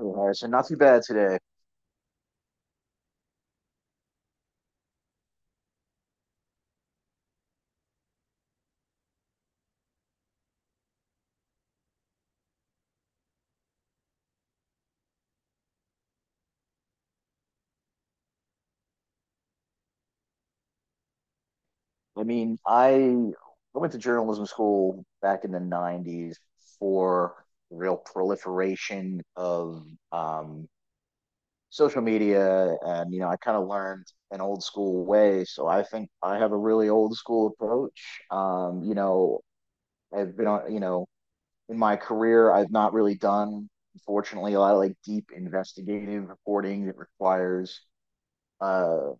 Yeah, so not too bad today. I mean, I went to journalism school back in the 90s for the real proliferation of um, social media. And, you know, I kind of learned an old school way. So I think I have a really old school approach. I've been on, in my career, I've not really done, unfortunately, a lot of like deep investigative reporting that requires uh,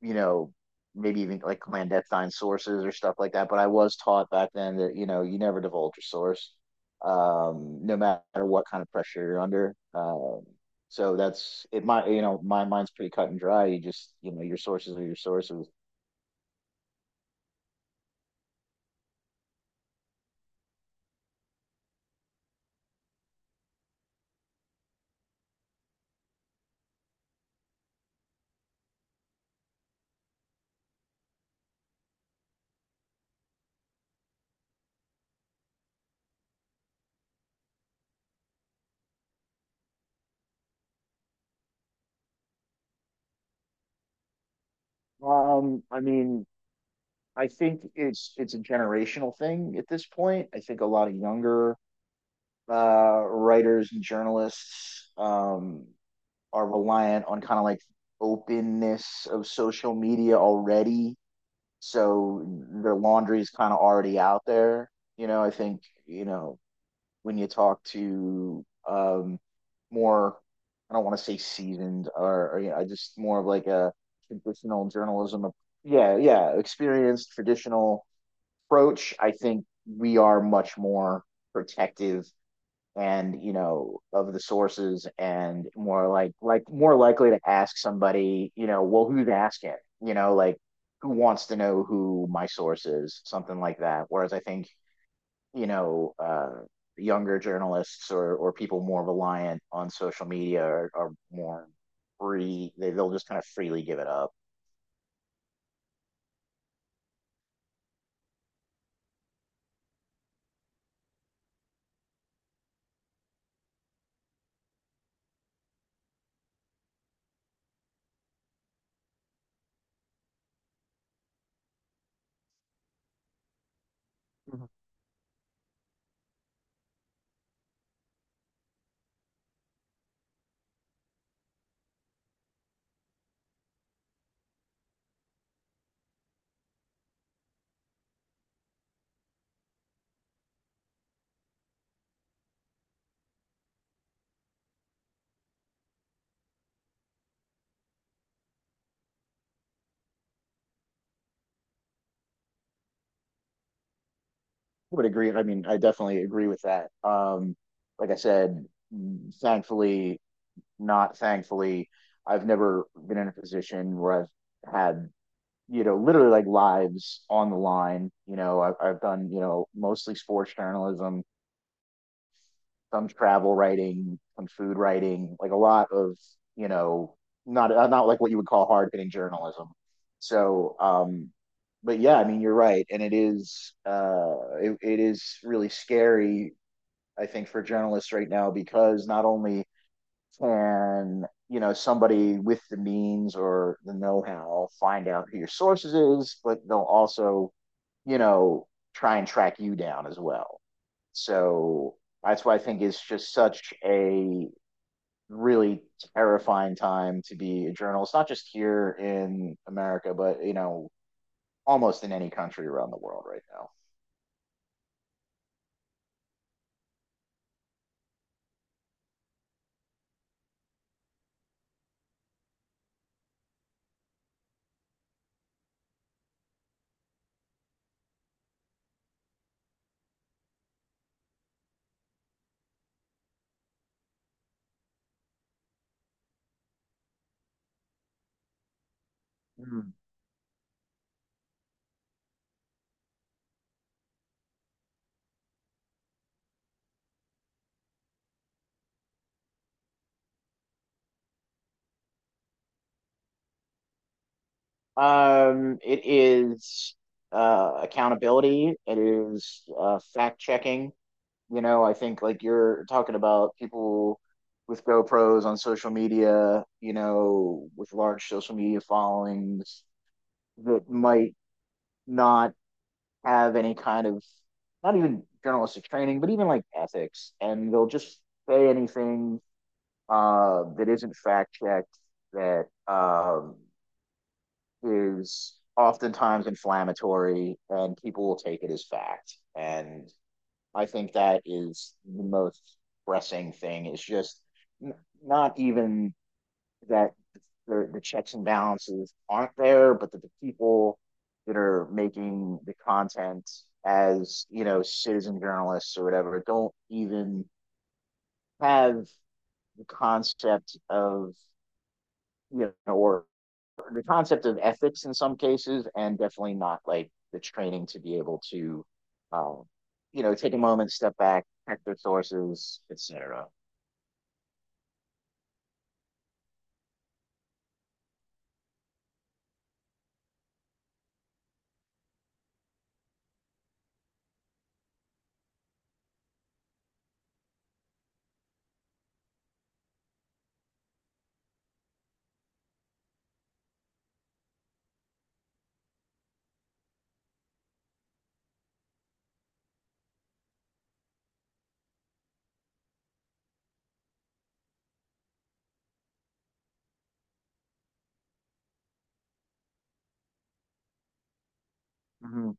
you know, maybe even like clandestine sources or stuff like that. But I was taught back then that, you know, you never divulge your source, no matter what kind of pressure you're under. So that's it. My mind's pretty cut and dry. Your sources are your sources. I mean, I think it's a generational thing at this point. I think a lot of younger writers and journalists, are reliant on kind of like openness of social media already. So their laundry is kind of already out there. You know, I think, you know, When you talk to more, I don't want to say seasoned or, you know, I just more of like a traditional journalism. Yeah, yeah, experienced traditional approach. I think we are much more protective, and you know, of the sources, and more like more likely to ask somebody, you know, well, who's asking, you know, like, who wants to know who my source is, something like that. Whereas I think, you know uh, younger journalists or people more reliant on social media are more free. They'll just kind of freely give it up. Mhm. Would agree. I mean, I definitely agree with that. Like I said, thankfully, not thankfully, I've never been in a position where I've had, you know, literally like lives on the line. You know, I've done, you know, mostly sports journalism, some travel writing, some food writing, like a lot of, you know, not not like what you would call hard hitting journalism. So, but yeah, I mean, you're right, and it is it is really scary. I think for journalists right now because not only can, you know, somebody with the means or the know-how find out who your sources is, but they'll also, you know, try and track you down as well. So that's why I think it's just such a really terrifying time to be a journalist, not just here in America, but you know, almost in any country around the world right now. Mm. It is accountability, it is fact checking. You know, I think like you're talking about people with GoPros on social media, you know, with large social media followings that might not have any kind of, not even journalistic training, but even like ethics, and they'll just say anything that isn't fact checked, that is oftentimes inflammatory, and people will take it as fact. And I think that is the most pressing thing. It's just n- not even that the checks and balances aren't there, but that the people that are making the content, as, you know, citizen journalists or whatever, don't even have the concept of, you know, or the concept of ethics in some cases, and definitely not like the training to be able to, um, you know, take a moment, step back, check their sources, etc. Hmm.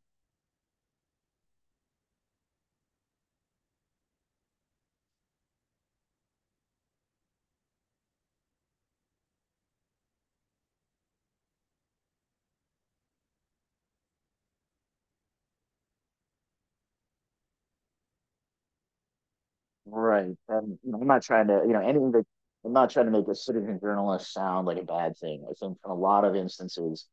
Right. And you know, I'm not trying to, you know, anything that I'm not trying to make a citizen journalist sound like a bad thing. I think in a lot of instances,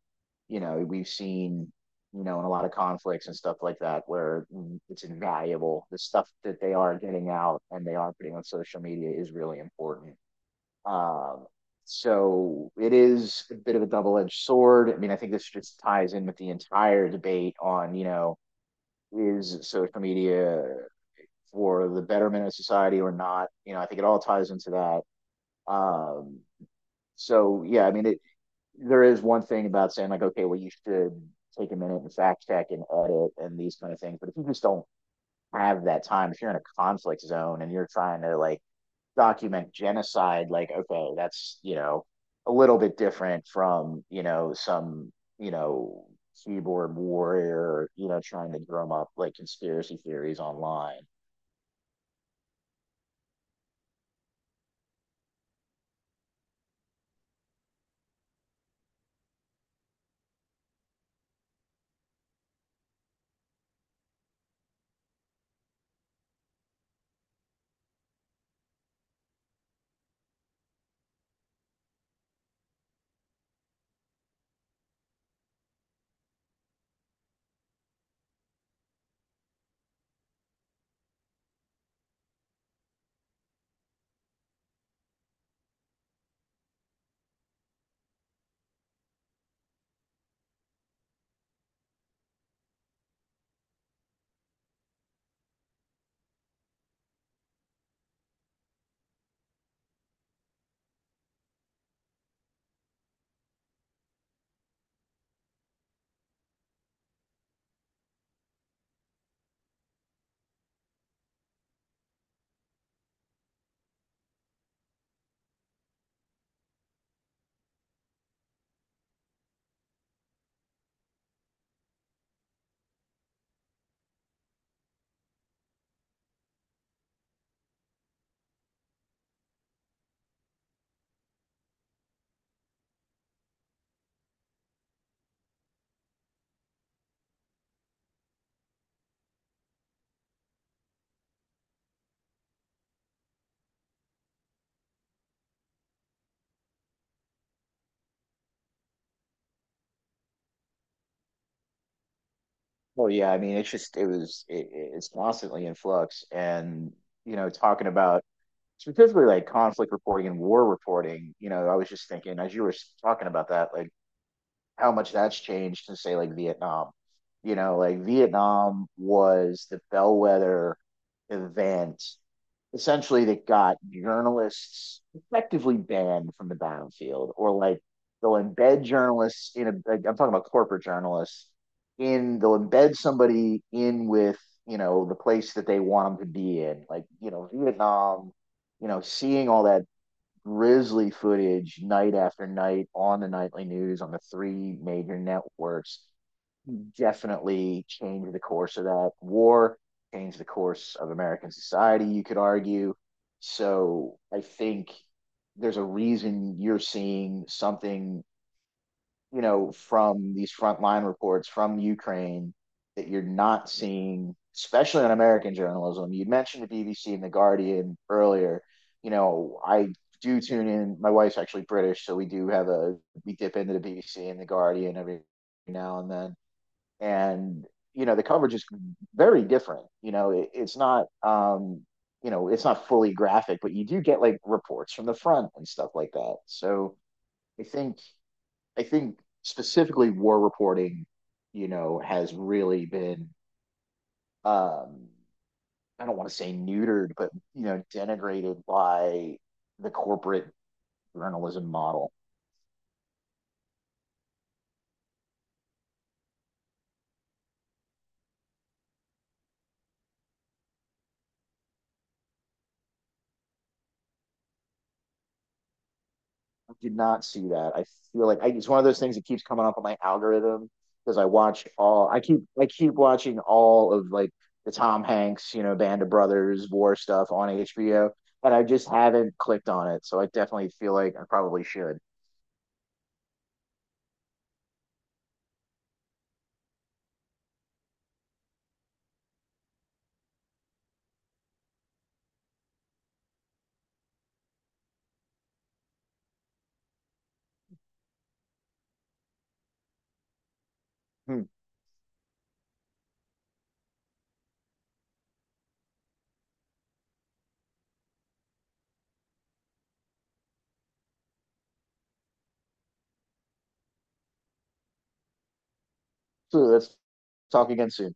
you know, we've seen, you know, in a lot of conflicts and stuff like that where it's invaluable. The stuff that they are getting out and they are putting on social media is really important. Um, so it is a bit of a double-edged sword. I mean, I think this just ties in with the entire debate on, you know, is social media for the betterment of society or not? You know, I think it all ties into that. Um, so yeah, I mean, there is one thing about saying like, okay, well, you should take a minute and fact check and edit and these kind of things. But if you just don't have that time, if you're in a conflict zone and you're trying to like document genocide, like, okay, that's, you know, a little bit different from, you know, some, you know, keyboard warrior, you know, trying to drum up like conspiracy theories online. Well, yeah, I mean, it's just, it was, it, it's constantly in flux. And, you know, talking about specifically like conflict reporting and war reporting, you know, I was just thinking as you were talking about that, like, how much that's changed to say like Vietnam. You know, like Vietnam was the bellwether event essentially that got journalists effectively banned from the battlefield, or like they'll embed journalists in a, like, I'm talking about corporate journalists, in they'll embed somebody in with, you know, the place that they want them to be in, like, you know, Vietnam, you know, seeing all that grisly footage night after night on the nightly news on the three major networks definitely changed the course of that war, changed the course of American society, you could argue. So I think there's a reason you're seeing something, you know, from these frontline reports from Ukraine that you're not seeing, especially on American journalism. You mentioned the BBC and the Guardian earlier. You know, I do tune in. My wife's actually British, so we do have a, we dip into the BBC and the Guardian every now and then. And you know, the coverage is very different. You know, it's not, you know, it's not fully graphic, but you do get like reports from the front and stuff like that. So I think, I think specifically war reporting, you know, has really been, um I don't want to say neutered, but you know, denigrated by the corporate journalism model. I did not see that. I feel like I, it's one of those things that keeps coming up on my algorithm because I watch all I keep watching all of like the Tom Hanks, you know, Band of Brothers war stuff on HBO, and I just haven't clicked on it. So I definitely feel like I probably should. Hmm. So let's talk again soon.